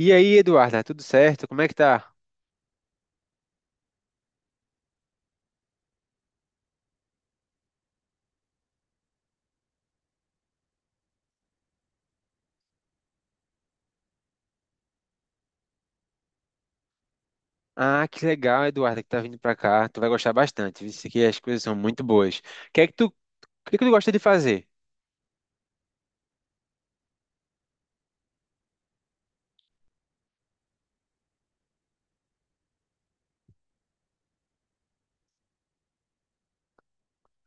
E aí, Eduarda, tudo certo? Como é que tá? Ah, que legal, Eduarda, que tá vindo pra cá. Tu vai gostar bastante, visto que as coisas são muito boas. O que é que tu, o que é que tu gosta de fazer?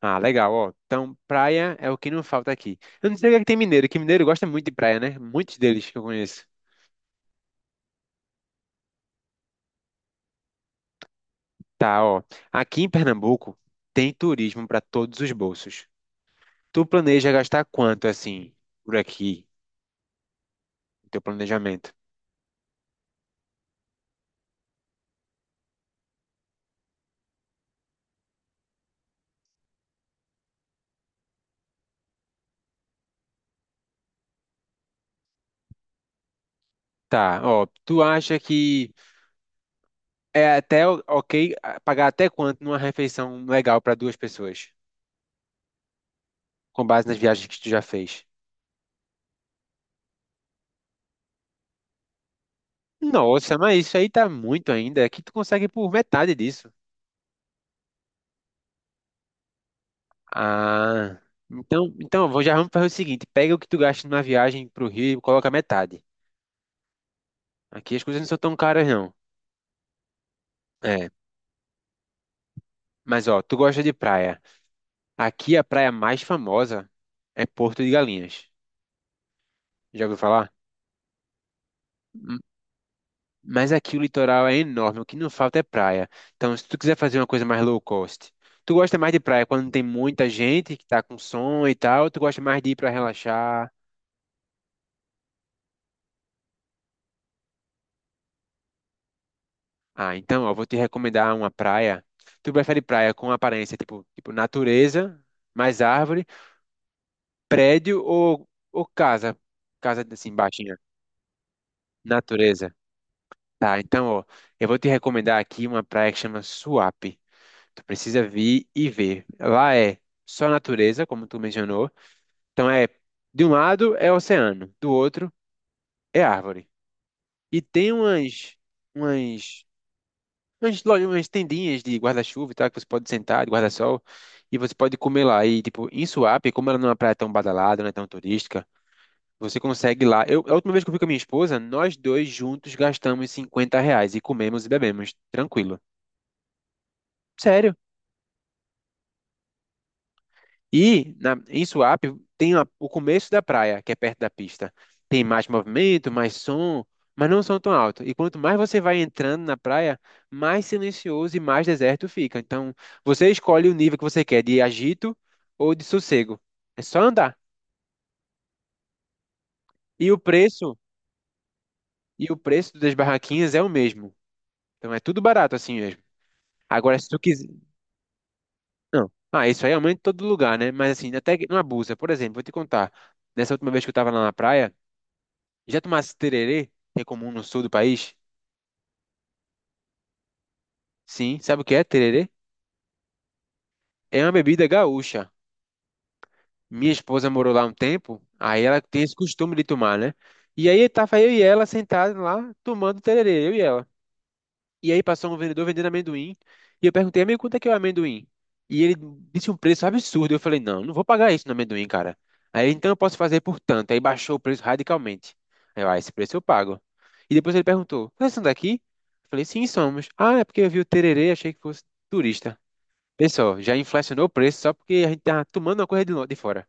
Ah, legal, ó. Então, praia é o que não falta aqui. Eu não sei o que é que tem mineiro, que mineiro gosta muito de praia, né? Muitos deles que eu conheço. Tá, ó. Aqui em Pernambuco tem turismo pra todos os bolsos. Tu planeja gastar quanto, assim, por aqui, no teu planejamento? Tá, ó. Tu acha que é até ok, pagar até quanto numa refeição legal para duas pessoas, com base nas viagens que tu já fez. Nossa, mas isso aí tá muito ainda. Aqui tu consegue por metade disso. Ah, então, já vamos fazer o seguinte: pega o que tu gasta numa viagem pro Rio e coloca metade. Aqui as coisas não são tão caras, não. É, mas ó, tu gosta de praia. Aqui a praia mais famosa é Porto de Galinhas. Já ouviu falar? Mas aqui o litoral é enorme, o que não falta é praia. Então, se tu quiser fazer uma coisa mais low cost, tu gosta mais de praia quando tem muita gente que tá com som e tal, ou tu gosta mais de ir pra relaxar? Ah, então, ó, vou te recomendar uma praia. Tu prefere praia com aparência tipo, tipo natureza, mais árvore, prédio ou casa? Casa assim, baixinha. Natureza. Tá, então, ó, eu vou te recomendar aqui uma praia que chama Suape. Tu precisa vir e ver. Lá é só natureza, como tu mencionou. Então é, de um lado é oceano, do outro é árvore. E tem umas, umas, umas tendinhas de guarda-chuva e tal, que você pode sentar, de guarda-sol, e você pode comer lá. E, tipo, em Suape, como ela não é uma praia tão badalada, não é tão turística, você consegue lá. Eu, a última vez que eu fui com a minha esposa, nós dois juntos gastamos R$ 50 e comemos e bebemos, tranquilo. Sério. Em Suape tem o começo da praia, que é perto da pista. Tem mais movimento, mais som, mas não são tão alto. E quanto mais você vai entrando na praia, mais silencioso e mais deserto fica. Então, você escolhe o nível que você quer, de agito ou de sossego. É só andar. E o preço, e o preço das barraquinhas é o mesmo. Então é tudo barato assim mesmo. Agora, se tu quiser. Não. Ah, isso aí aumenta em todo lugar, né? Mas assim, até que não abusa. Por exemplo, vou te contar. Nessa última vez que eu estava lá na praia, já tomasse tererê, que é comum no sul do país? Sim, sabe o que é tererê? É uma bebida gaúcha. Minha esposa morou lá um tempo, aí ela tem esse costume de tomar, né? E aí tava eu e ela sentados lá, tomando tererê, eu e ela. E aí passou um vendedor vendendo amendoim. E eu perguntei, amigo, quanto é que é o amendoim? E ele disse um preço absurdo. Eu falei, não, não vou pagar isso no amendoim, cara. Aí ele, então eu posso fazer por tanto. Aí baixou o preço radicalmente. Aí eu, ah, esse preço eu pago. E depois ele perguntou, vocês são daqui? Eu falei, sim, somos. Ah, é porque eu vi o tererê, achei que fosse turista. Pessoal, já inflacionou o preço só porque a gente tá tomando uma coisa de de fora.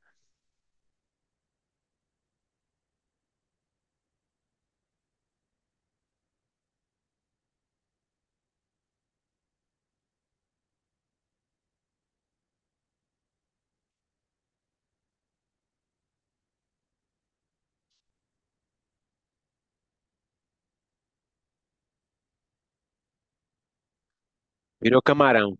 Virou camarão.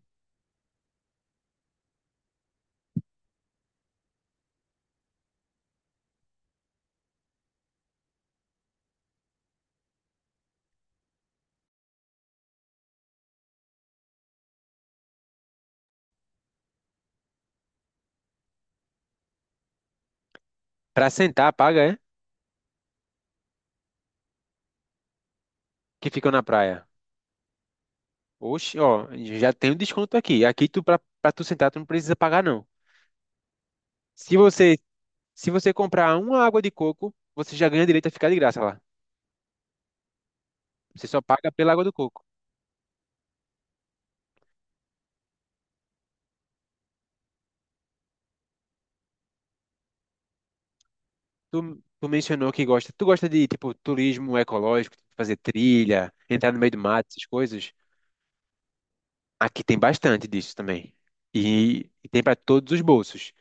Pra sentar, paga, é? Que ficou na praia. Oxe, ó, já tem um desconto aqui. Aqui tu, pra tu sentar, tu não precisa pagar, não. Se você, se você comprar uma água de coco, você já ganha direito a ficar de graça lá. Você só paga pela água do coco. Tu mencionou que gosta. Tu gosta de, tipo, turismo ecológico, fazer trilha, entrar no meio do mato, essas coisas? Aqui tem bastante disso também. E tem para todos os bolsos.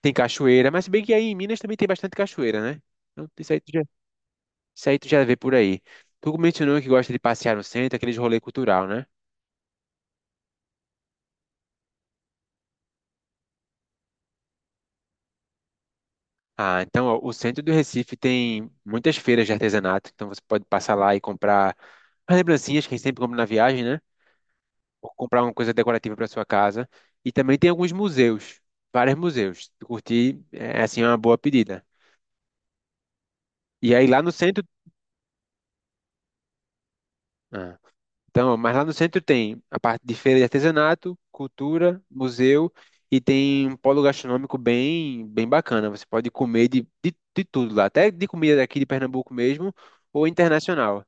Tem cachoeira, mas se bem que aí em Minas também tem bastante cachoeira, né? Então, isso aí tu já vê por aí. Tu mencionou que gosta de passear no centro, aqueles rolê cultural, né? Ah, então, ó, o centro do Recife tem muitas feiras de artesanato, então você pode passar lá e comprar as lembrancinhas que a gente sempre compra na viagem, né? Ou comprar uma coisa decorativa para sua casa. E também tem alguns museus, vários museus. Se curtir é assim, é uma boa pedida. E aí lá no centro, ah, então, mas lá no centro tem a parte de feira de artesanato, cultura, museu e tem um polo gastronômico bem, bem bacana. Você pode comer de tudo lá, até de comida daqui de Pernambuco mesmo ou internacional.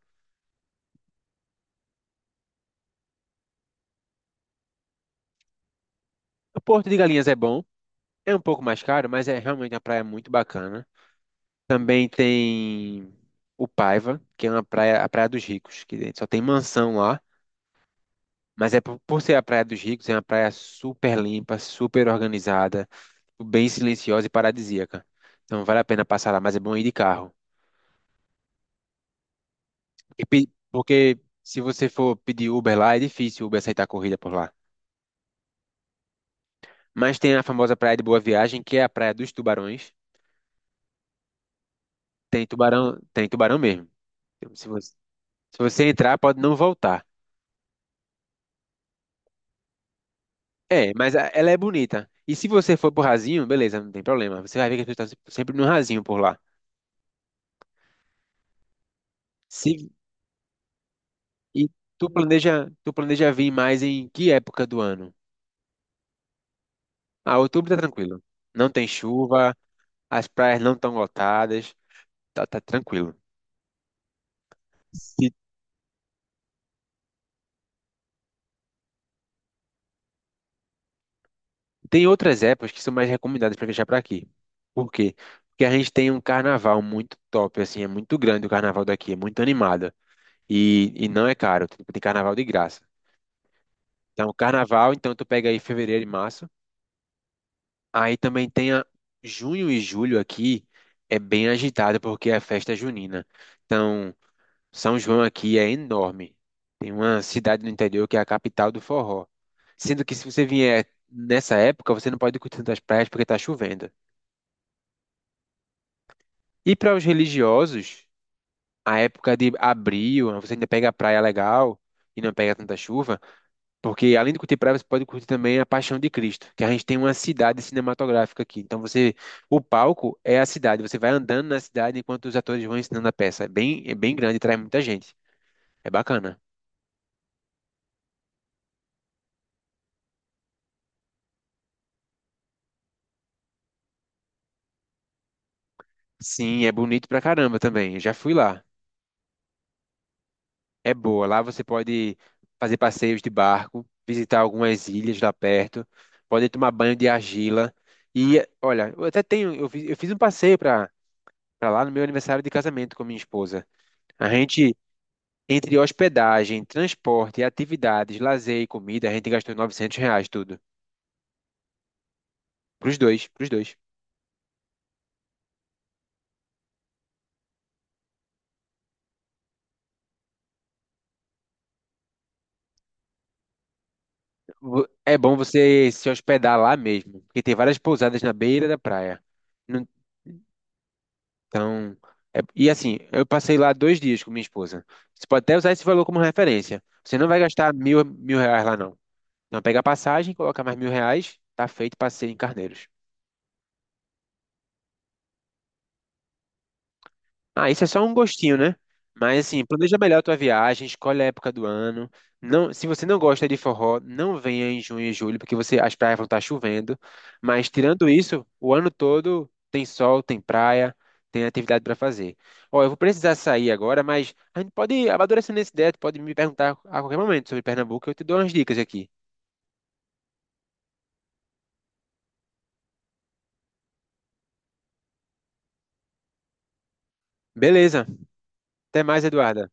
O Porto de Galinhas é bom, é um pouco mais caro, mas é realmente uma praia muito bacana. Também tem o Paiva, que é uma praia, a Praia dos Ricos, que só tem mansão lá, mas é por ser a Praia dos Ricos, é uma praia super limpa, super organizada, bem silenciosa e paradisíaca. Então vale a pena passar lá, mas é bom ir de carro. E porque se você for pedir Uber lá, é difícil o Uber aceitar corrida por lá. Mas tem a famosa Praia de Boa Viagem, que é a Praia dos Tubarões. Tem tubarão mesmo. Então, se você entrar, pode não voltar. É, mas ela é bonita. E se você for pro rasinho, beleza, não tem problema. Você vai ver que as pessoas estão sempre no rasinho por lá. Se, e tu planeja vir mais em que época do ano? Ah, outubro tá tranquilo. Não tem chuva, as praias não estão lotadas, tá, tá tranquilo. Se, Tem outras épocas que são mais recomendadas para viajar para aqui. Por quê? Porque a gente tem um carnaval muito top, assim, é muito grande o carnaval daqui, é muito animado. E não é caro, tipo, tem carnaval de graça. Então, carnaval, então tu pega aí fevereiro e março. Aí também tem a junho e julho aqui, é bem agitado porque é a festa junina. Então, São João aqui é enorme. Tem uma cidade no interior que é a capital do forró. Sendo que se você vier nessa época, você não pode curtir tantas praias porque tá chovendo. E para os religiosos, a época de abril, você ainda pega a praia legal e não pega tanta chuva. Porque além de curtir praia, você pode curtir também a Paixão de Cristo, que a gente tem uma cidade cinematográfica aqui. Então você, o palco é a cidade, você vai andando na cidade enquanto os atores vão ensinando a peça. É bem grande, traz muita gente. É bacana. Sim, é bonito pra caramba também. Eu já fui lá. É boa. Lá você pode fazer passeios de barco, visitar algumas ilhas lá perto, pode tomar banho de argila. E olha, eu até tenho, eu fiz um passeio pra para lá no meu aniversário de casamento com minha esposa. A gente Entre hospedagem, transporte, atividades, lazer e comida, a gente gastou R$ 900 tudo. Pros dois, pros dois. É bom você se hospedar lá mesmo, porque tem várias pousadas na beira da praia. Não- Então, e assim, eu passei lá 2 dias com minha esposa. Você pode até usar esse valor como referência. Você não vai gastar mil, mil reais lá, não. Não, pega a passagem, coloca mais R$ 1.000, tá feito passeio em Carneiros. Ah, isso é só um gostinho, né? Mas assim, planeja melhor a tua viagem, escolhe a época do ano. Não, se você não gosta de forró, não venha em junho e julho, porque você, as praias vão estar chovendo. Mas tirando isso, o ano todo tem sol, tem praia, tem atividade para fazer. Ó, eu vou precisar sair agora, mas a gente pode ir amadurecendo essa ideia, tu pode me perguntar a qualquer momento sobre Pernambuco, eu te dou umas dicas aqui. Beleza, até mais, Eduarda.